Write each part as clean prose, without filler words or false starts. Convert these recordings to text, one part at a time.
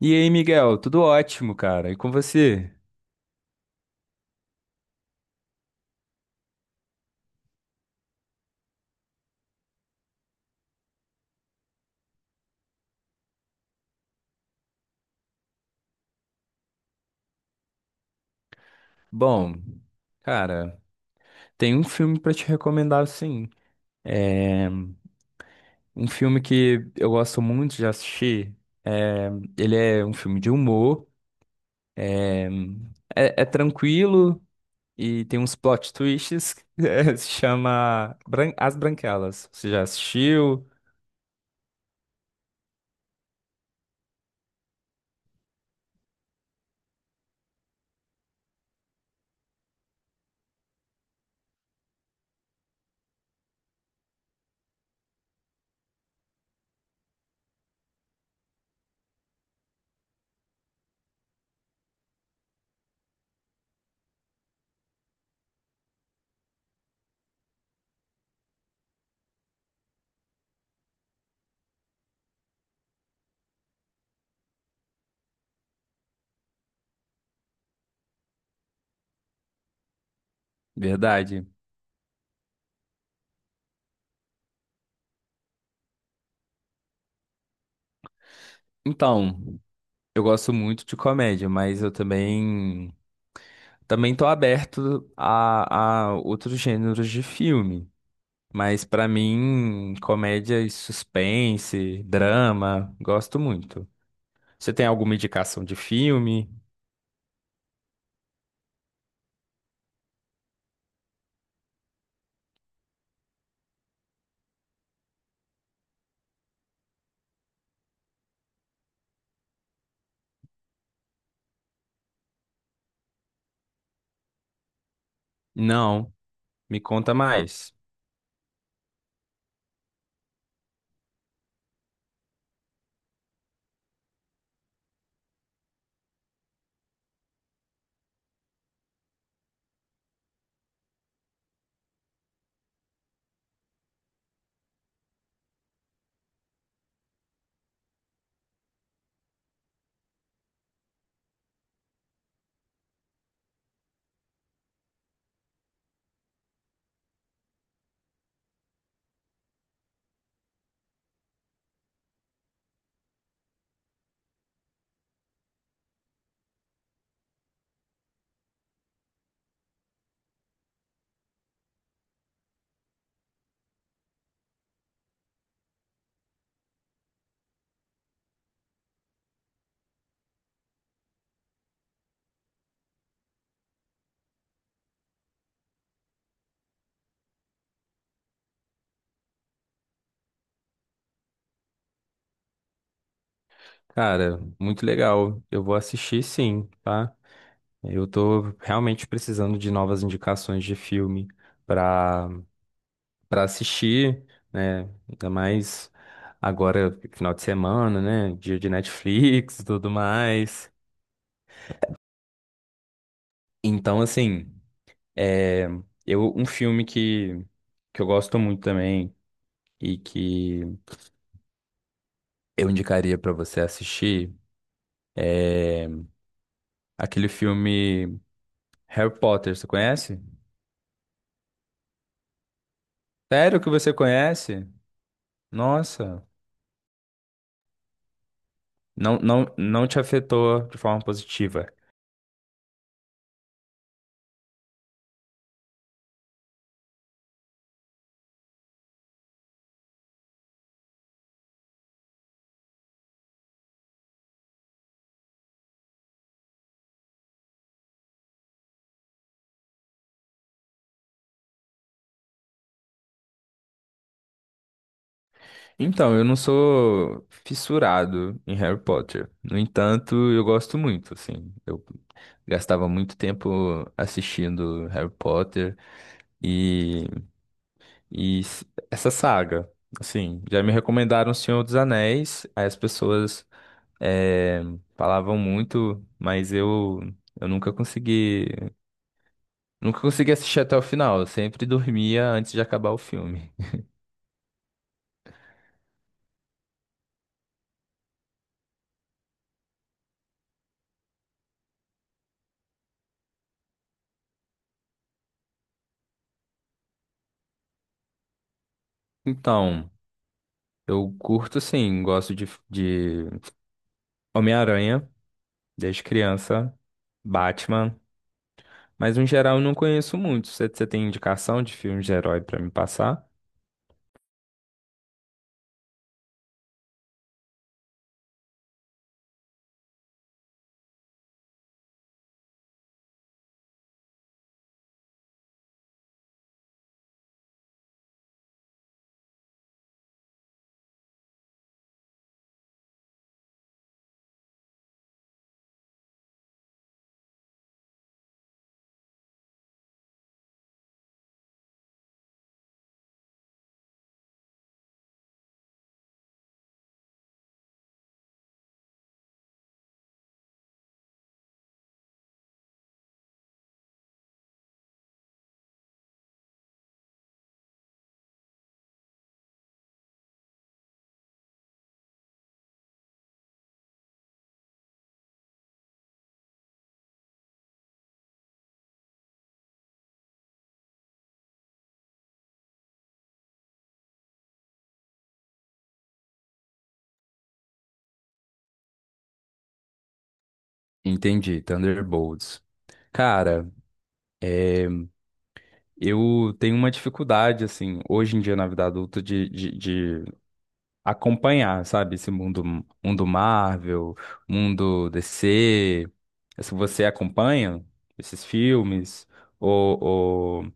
E aí, Miguel, tudo ótimo, cara. E com você? Bom, cara, tem um filme pra te recomendar, sim. Um filme que eu gosto muito de assistir. É, ele é um filme de humor, é, é tranquilo e tem uns plot twists. Se chama As Branquelas. Você já assistiu? Verdade. Então. Eu gosto muito de comédia, mas eu também tô aberto a outros gêneros de filme. Mas pra mim, comédia e suspense, drama, gosto muito. Você tem alguma indicação de filme? Não, me conta mais. Cara, muito legal. Eu vou assistir sim, tá? Eu tô realmente precisando de novas indicações de filme pra para assistir, né? Ainda mais agora, final de semana, né? Dia de Netflix e tudo mais. Então, assim, é, eu, um filme que eu gosto muito também e que eu indicaria para você assistir é aquele filme Harry Potter, você conhece? Sério que você conhece? Nossa, não te afetou de forma positiva. Então, eu não sou fissurado em Harry Potter. No entanto, eu gosto muito, assim. Eu gastava muito tempo assistindo Harry Potter e, essa saga. Assim, já me recomendaram O Senhor dos Anéis, aí as pessoas eh, falavam muito, mas eu nunca consegui, nunca consegui assistir até o final. Eu sempre dormia antes de acabar o filme. Então, eu curto sim, gosto de, Homem-Aranha, desde criança, Batman, mas no geral eu não conheço muito. Você tem indicação de filmes de herói pra me passar? Entendi, Thunderbolts. Cara, eu tenho uma dificuldade, assim, hoje em dia na vida adulta, de acompanhar, sabe? Esse mundo Marvel, mundo DC. Se você acompanha esses filmes, ou, ou,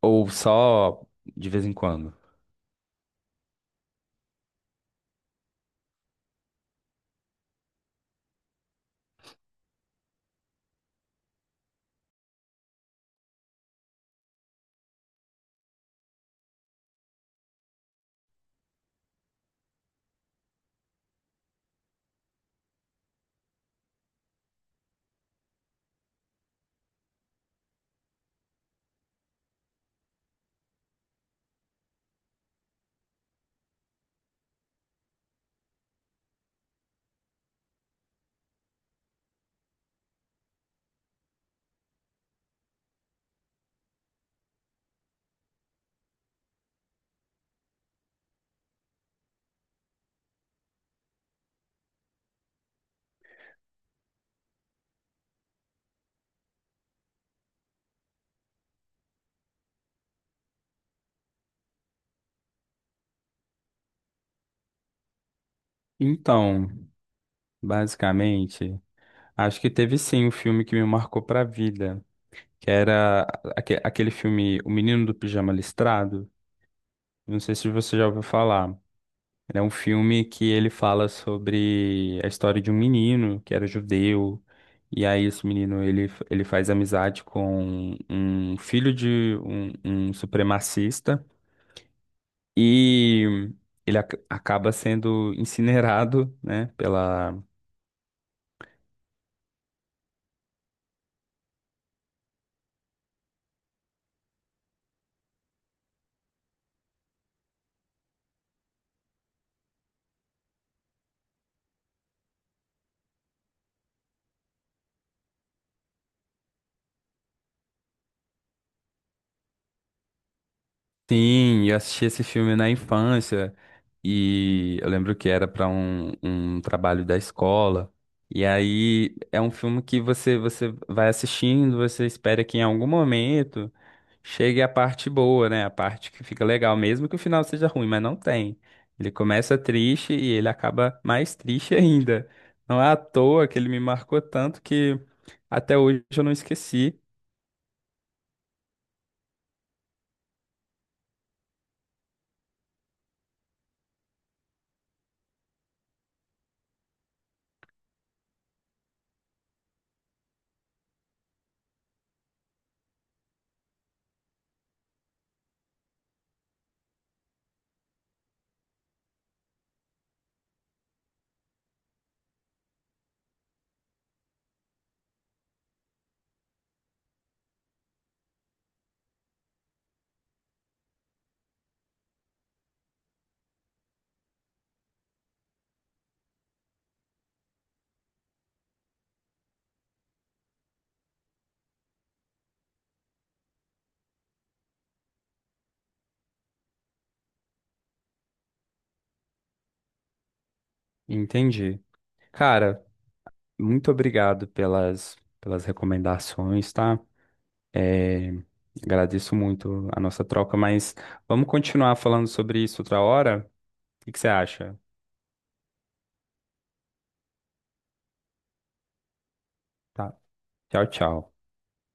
ou só de vez em quando? Então, basicamente. Acho que teve sim um filme que me marcou pra vida, que era aquele filme O Menino do Pijama Listrado. Não sei se você já ouviu falar. Ele é um filme que ele fala sobre a história de um menino que era judeu. E aí esse menino ele faz amizade com um filho de um supremacista e ele acaba sendo incinerado, né, pela. Sim, eu assisti esse filme na infância e eu lembro que era para um trabalho da escola. E aí é um filme que você vai assistindo, você espera que em algum momento chegue a parte boa, né? A parte que fica legal, mesmo que o final seja ruim, mas não tem. Ele começa triste e ele acaba mais triste ainda. Não é à toa que ele me marcou tanto que até hoje eu não esqueci. Entendi. Cara, muito obrigado pelas recomendações, tá? É, agradeço muito a nossa troca, mas vamos continuar falando sobre isso outra hora? O que que você acha? Tá. Tchau, tchau.